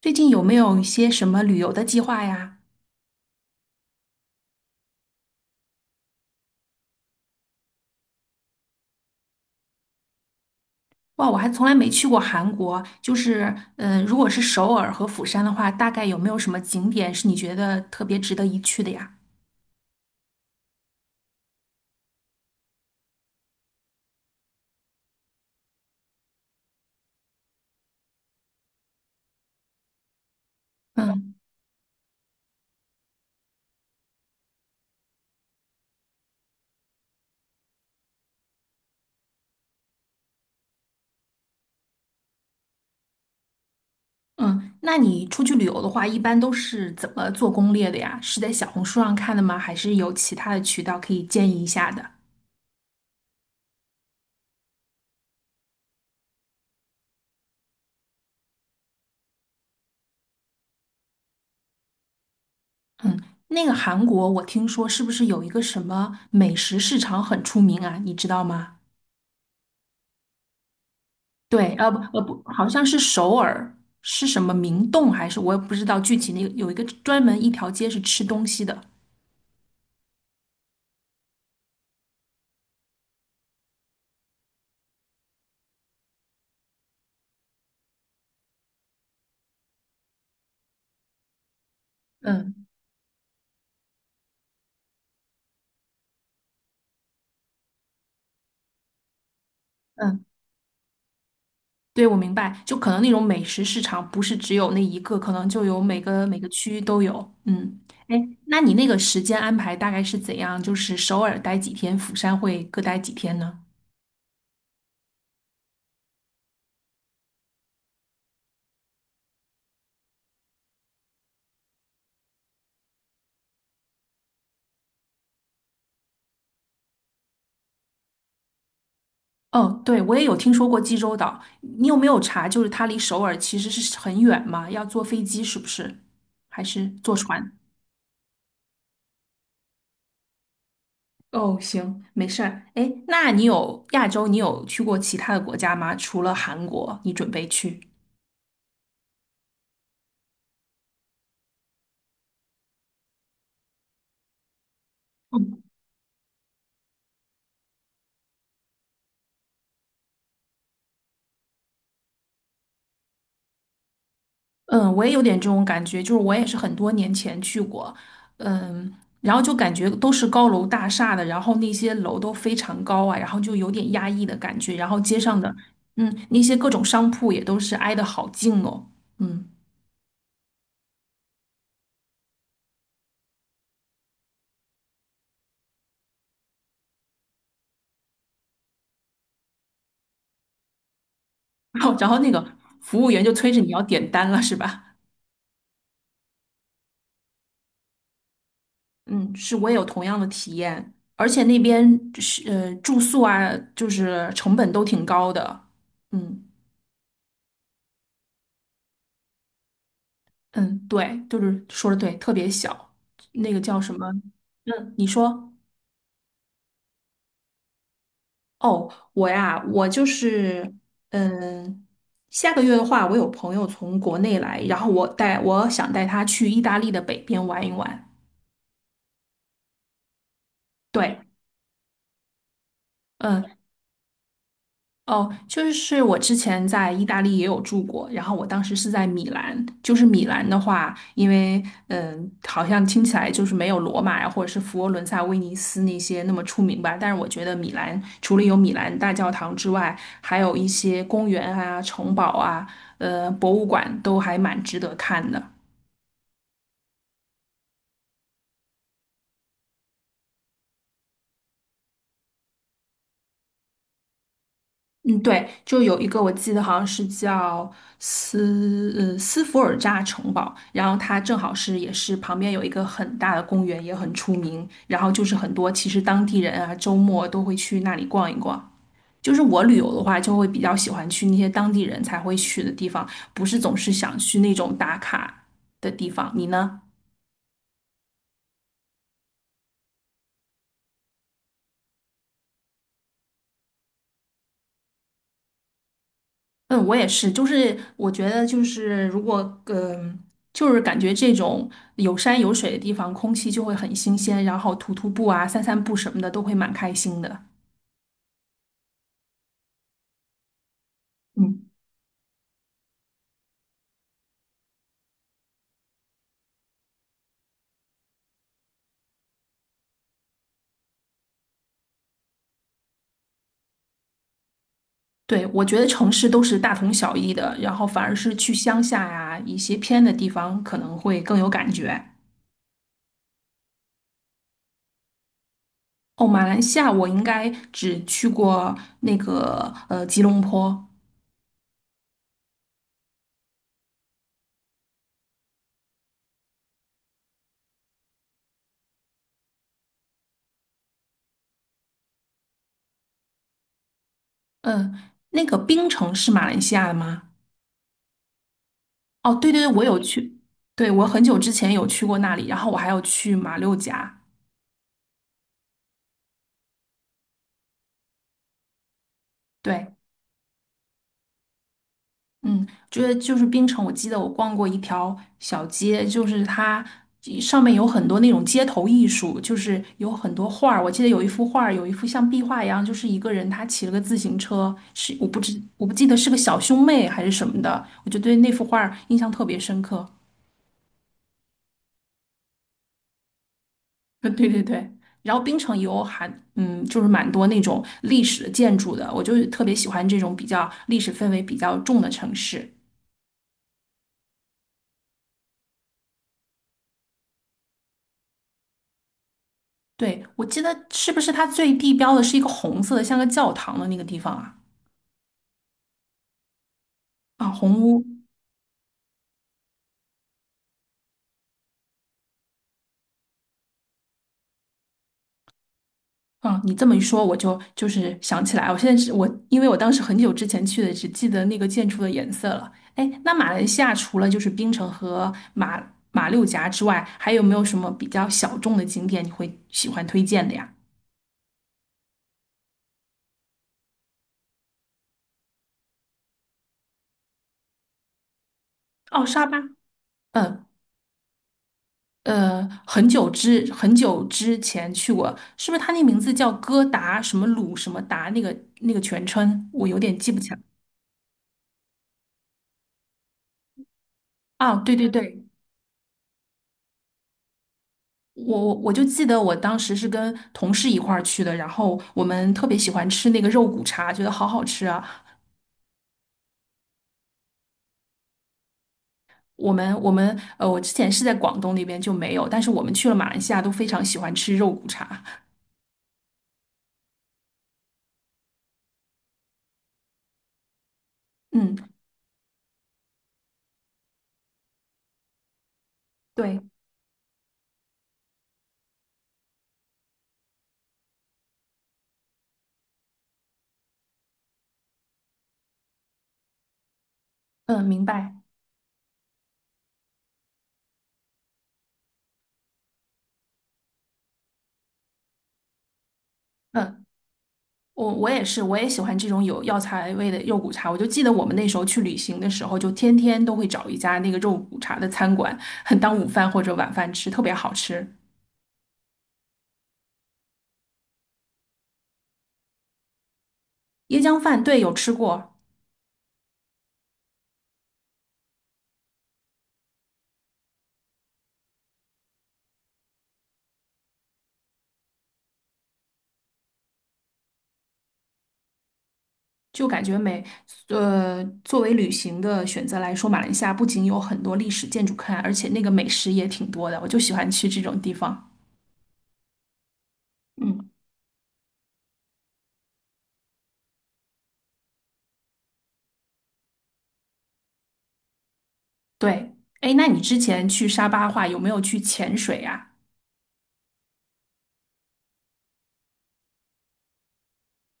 最近有没有一些什么旅游的计划呀？哇，我还从来没去过韩国。就是，如果是首尔和釜山的话，大概有没有什么景点是你觉得特别值得一去的呀？嗯嗯，那你出去旅游的话，一般都是怎么做攻略的呀？是在小红书上看的吗？还是有其他的渠道可以建议一下的？嗯，那个韩国，我听说是不是有一个什么美食市场很出名啊？你知道吗？对，不不，好像是首尔，是什么明洞还是我也不知道具体那个有一个专门一条街是吃东西的。嗯嗯，对，我明白，就可能那种美食市场不是只有那一个，可能就有每个区域都有。嗯，哎，那你那个时间安排大概是怎样？就是首尔待几天，釜山会各待几天呢？哦，对，我也有听说过济州岛，你有没有查？就是它离首尔其实是很远嘛，要坐飞机是不是？还是坐船？哦，行，没事儿。哎，那你有亚洲，你有去过其他的国家吗？除了韩国，你准备去？嗯，我也有点这种感觉，就是我也是很多年前去过，嗯，然后就感觉都是高楼大厦的，然后那些楼都非常高啊，然后就有点压抑的感觉，然后街上的，那些各种商铺也都是挨得好近哦，嗯，然后那个服务员就催着你要点单了，是吧？嗯，是我也有同样的体验，而且那边是住宿啊，就是成本都挺高的。嗯嗯，对，就是说的对，特别小，那个叫什么？嗯，你说哦，我呀，我就是嗯，下个月的话，我有朋友从国内来，然后我带我想带他去意大利的北边玩一玩。对，嗯。哦，就是我之前在意大利也有住过，然后我当时是在米兰。就是米兰的话，因为好像听起来就是没有罗马呀，或者是佛罗伦萨、威尼斯那些那么出名吧。但是我觉得米兰除了有米兰大教堂之外，还有一些公园啊、城堡啊、博物馆都还蛮值得看的。嗯，对，就有一个我记得好像是叫斯福尔扎城堡，然后它正好是也是旁边有一个很大的公园，也很出名，然后就是很多其实当地人啊周末都会去那里逛一逛。就是我旅游的话，就会比较喜欢去那些当地人才会去的地方，不是总是想去那种打卡的地方。你呢？嗯，我也是，就是我觉得就是如果嗯、就是感觉这种有山有水的地方，空气就会很新鲜，然后徒步啊、散散步什么的都会蛮开心的。嗯，对，我觉得城市都是大同小异的，然后反而是去乡下呀、一些偏的地方可能会更有感觉。哦，马来西亚我应该只去过那个吉隆坡，嗯、那个槟城是马来西亚的吗？哦，对对对，我有去，对，我很久之前有去过那里，然后我还有去马六甲，对，嗯，就是槟城，我记得我逛过一条小街，就是它上面有很多那种街头艺术，就是有很多画儿，我记得有一幅画儿，有一幅像壁画一样，就是一个人他骑了个自行车，是我不记得是个小兄妹还是什么的，我就对那幅画儿印象特别深刻。对对对，然后槟城也有就是蛮多那种历史建筑的，我就特别喜欢这种比较历史氛围比较重的城市。对，我记得是不是它最地标的是一个红色的，像个教堂的那个地方啊？啊，红屋。啊，你这么一说，我就是想起来，我现在是我，因为我当时很久之前去的，只记得那个建筑的颜色了。哎，那马来西亚除了就是槟城和马六甲之外，还有没有什么比较小众的景点你会喜欢推荐的呀？哦，沙巴。嗯很久之前去过，是不是他那名字叫哥达什么鲁什么达那个全称，我有点记不起来啊。对对对，我就记得我当时是跟同事一块儿去的，然后我们特别喜欢吃那个肉骨茶，觉得好好吃啊。我之前是在广东那边就没有，但是我们去了马来西亚都非常喜欢吃肉骨茶。嗯，对，嗯，明白，嗯。我也是，我也喜欢这种有药材味的肉骨茶。我就记得我们那时候去旅行的时候，就天天都会找一家那个肉骨茶的餐馆，很当午饭或者晚饭吃，特别好吃。椰浆饭，对，有吃过，就感觉美。作为旅行的选择来说，马来西亚不仅有很多历史建筑看，而且那个美食也挺多的。我就喜欢去这种地方。嗯，对。哎，那你之前去沙巴话有没有去潜水啊？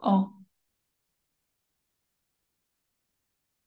哦。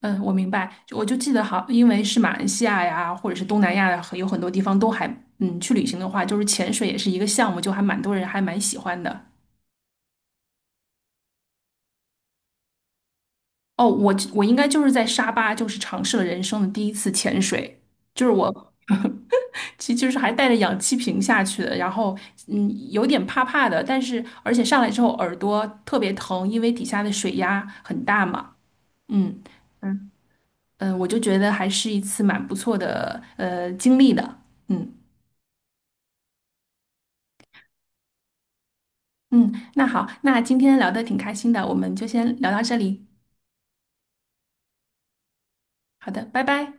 嗯，我明白，就我就记得好，因为是马来西亚呀，或者是东南亚呀，有很多地方都还，嗯，去旅行的话，就是潜水也是一个项目，就还蛮多人还蛮喜欢的。哦，我应该就是在沙巴，就是尝试了人生的第一次潜水，就是我，其实就是还带着氧气瓶下去的，然后有点怕怕的，但是而且上来之后耳朵特别疼，因为底下的水压很大嘛，嗯嗯我就觉得还是一次蛮不错的经历的，嗯。嗯，那好，那今天聊的挺开心的，我们就先聊到这里。好的，拜拜。